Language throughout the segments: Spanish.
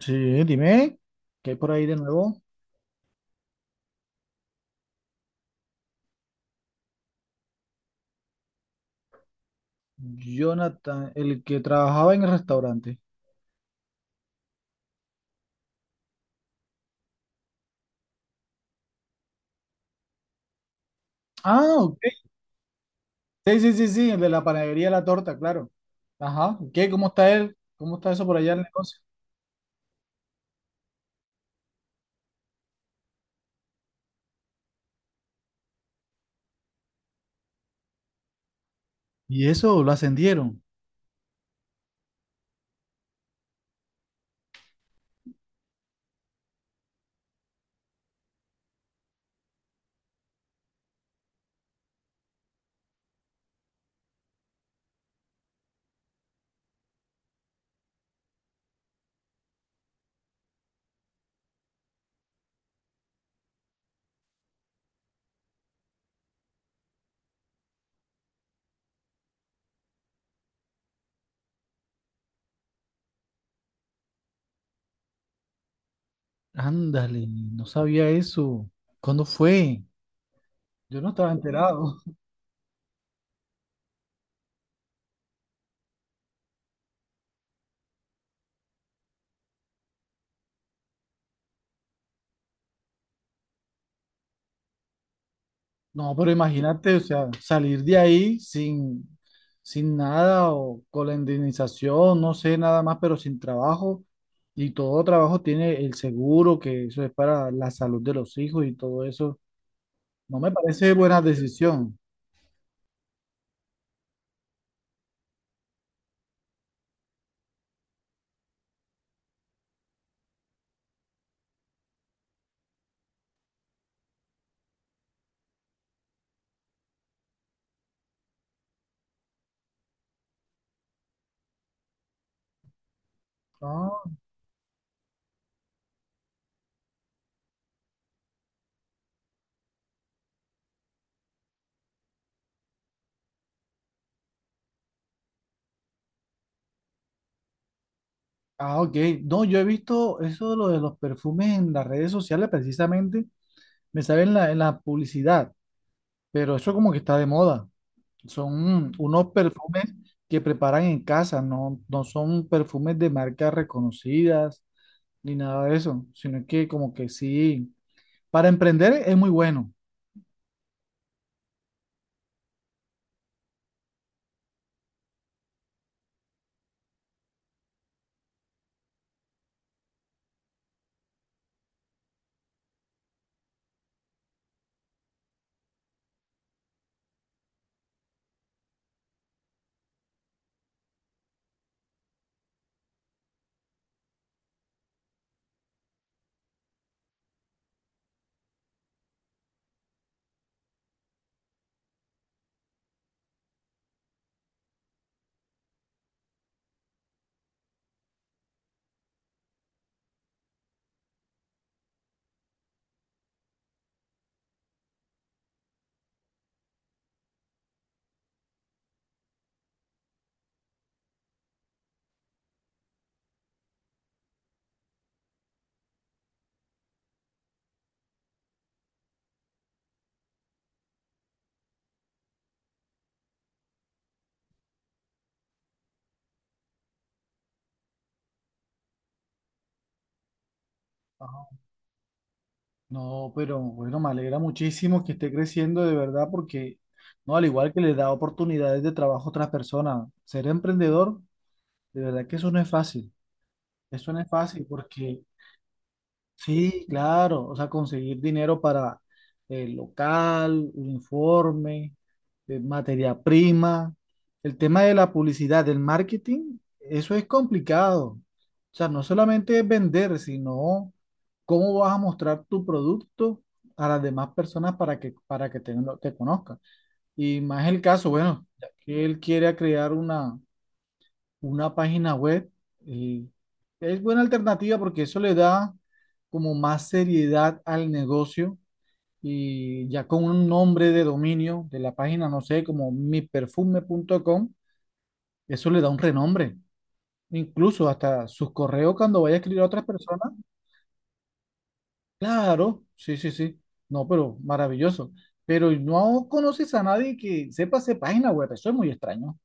Sí, dime, ¿qué hay por ahí de nuevo? Jonathan, el que trabajaba en el restaurante. Ah, ok. Sí, sí, sí, sí, el de la panadería la torta, claro. Ajá, ¿qué? ¿Cómo está él? ¿Cómo está eso por allá en el negocio? Y eso, lo ascendieron. Ándale, no sabía eso. ¿Cuándo fue? Yo no estaba enterado. No, pero imagínate, o sea, salir de ahí sin nada o con la indemnización, no sé, nada más, pero sin trabajo. Y todo trabajo tiene el seguro, que eso es para la salud de los hijos y todo eso. No me parece buena decisión. Ah, ah, ok. No, yo he visto eso de lo de los perfumes en las redes sociales, precisamente, me sale en la publicidad, pero eso como que está de moda. Son unos perfumes que preparan en casa, no, no son perfumes de marcas reconocidas ni nada de eso, sino que como que sí, para emprender es muy bueno. Ah, no, pero bueno, me alegra muchísimo que esté creciendo de verdad porque, no, al igual que le da oportunidades de trabajo a otras personas, ser emprendedor, de verdad que eso no es fácil, eso no es fácil porque sí, claro, o sea, conseguir dinero para el local, uniforme, materia prima. El tema de la publicidad, del marketing, eso es complicado. O sea, no solamente es vender, sino cómo vas a mostrar tu producto a las demás personas para que te conozcan. Y más el caso, bueno, ya que él quiere crear una página web, eh, es buena alternativa porque eso le da como más seriedad al negocio y ya con un nombre de dominio de la página, no sé, como miperfume.com, eso le da un renombre. Incluso hasta sus correos cuando vaya a escribir a otras personas. Claro, sí, sí, sí. No, pero maravilloso. Pero no conoces a nadie que sepa hacer página web. Eso es muy extraño.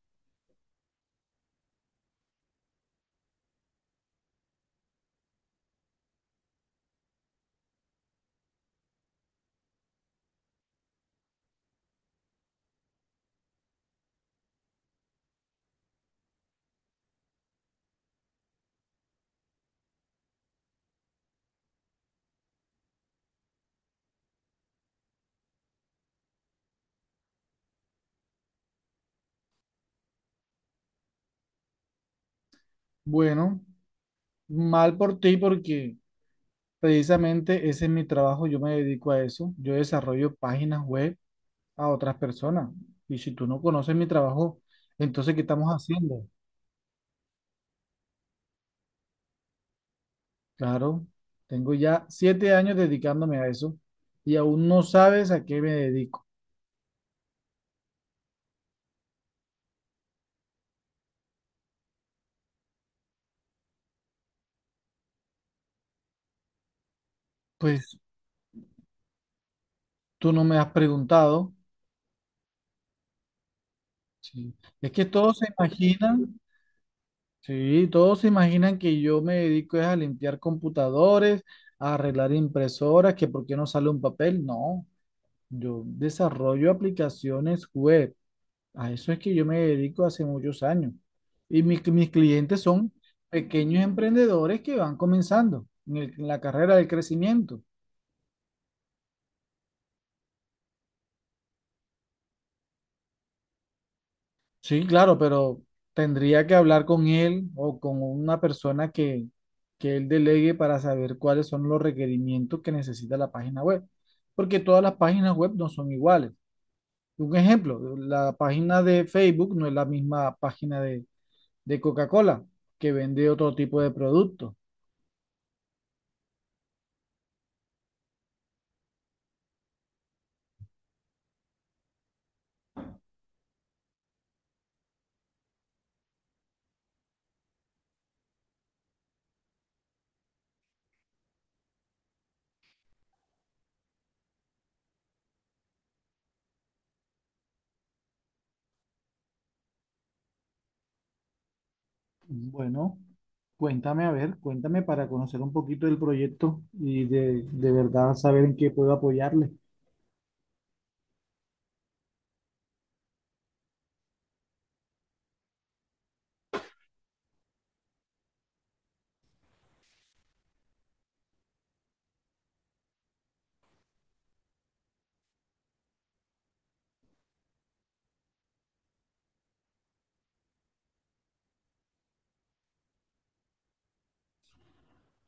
Bueno, mal por ti porque precisamente ese es mi trabajo, yo me dedico a eso. Yo desarrollo páginas web a otras personas. Y si tú no conoces mi trabajo, entonces, ¿qué estamos haciendo? Claro, tengo ya 7 años dedicándome a eso y aún no sabes a qué me dedico. Pues tú no me has preguntado. Sí. Es que todos se imaginan, sí, todos se imaginan que yo me dedico es a limpiar computadores, a arreglar impresoras, que por qué no sale un papel. No. Yo desarrollo aplicaciones web. A eso es que yo me dedico hace muchos años. Y mis clientes son pequeños emprendedores que van comenzando en la carrera del crecimiento. Sí, claro, pero tendría que hablar con él o con una persona que él delegue para saber cuáles son los requerimientos que necesita la página web. Porque todas las páginas web no son iguales. Un ejemplo, la página de Facebook no es la misma página de Coca-Cola, que vende otro tipo de producto. Bueno, cuéntame, a ver, cuéntame para conocer un poquito del proyecto y de verdad saber en qué puedo apoyarle.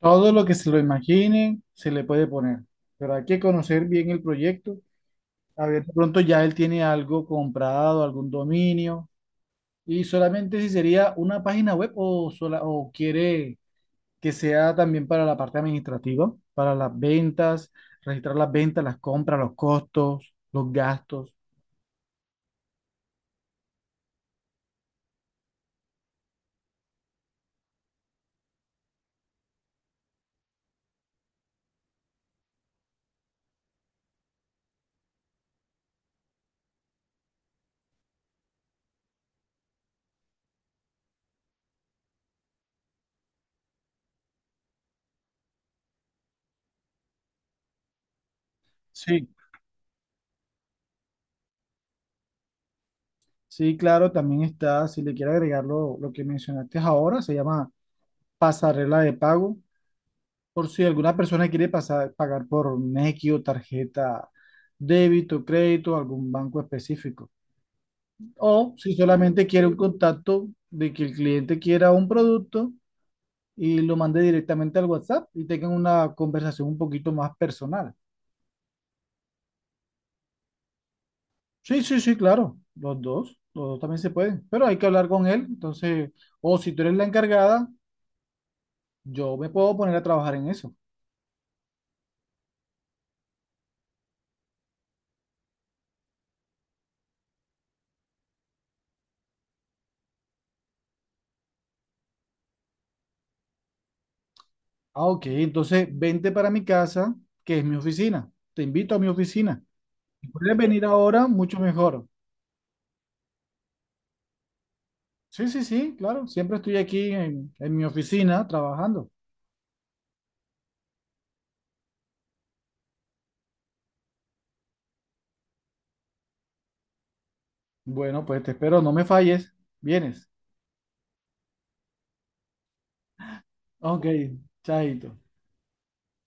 Todo lo que se lo imaginen se le puede poner, pero hay que conocer bien el proyecto. A ver, de pronto ya él tiene algo comprado, algún dominio, y solamente si sería una página web o, sola, o quiere que sea también para la parte administrativa, para las ventas, registrar las ventas, las compras, los costos, los gastos. Sí, sí, claro, también está, si le quiere agregar lo que mencionaste ahora, se llama pasarela de pago. Por si alguna persona quiere pagar por Nequi o tarjeta débito, crédito, algún banco específico. O si solamente quiere un contacto de que el cliente quiera un producto, y lo mandé directamente al WhatsApp y tengan una conversación un poquito más personal. Sí, sí, sí, claro, los dos también se pueden, pero hay que hablar con él, entonces, o si tú eres la encargada, yo me puedo poner a trabajar en eso. Ah, ok, entonces vente para mi casa, que es mi oficina, te invito a mi oficina. Si puedes venir ahora, mucho mejor. Sí, sí, sí, claro, siempre estoy aquí en mi oficina trabajando. Bueno, pues te espero, no me falles, vienes. Ok, chaito.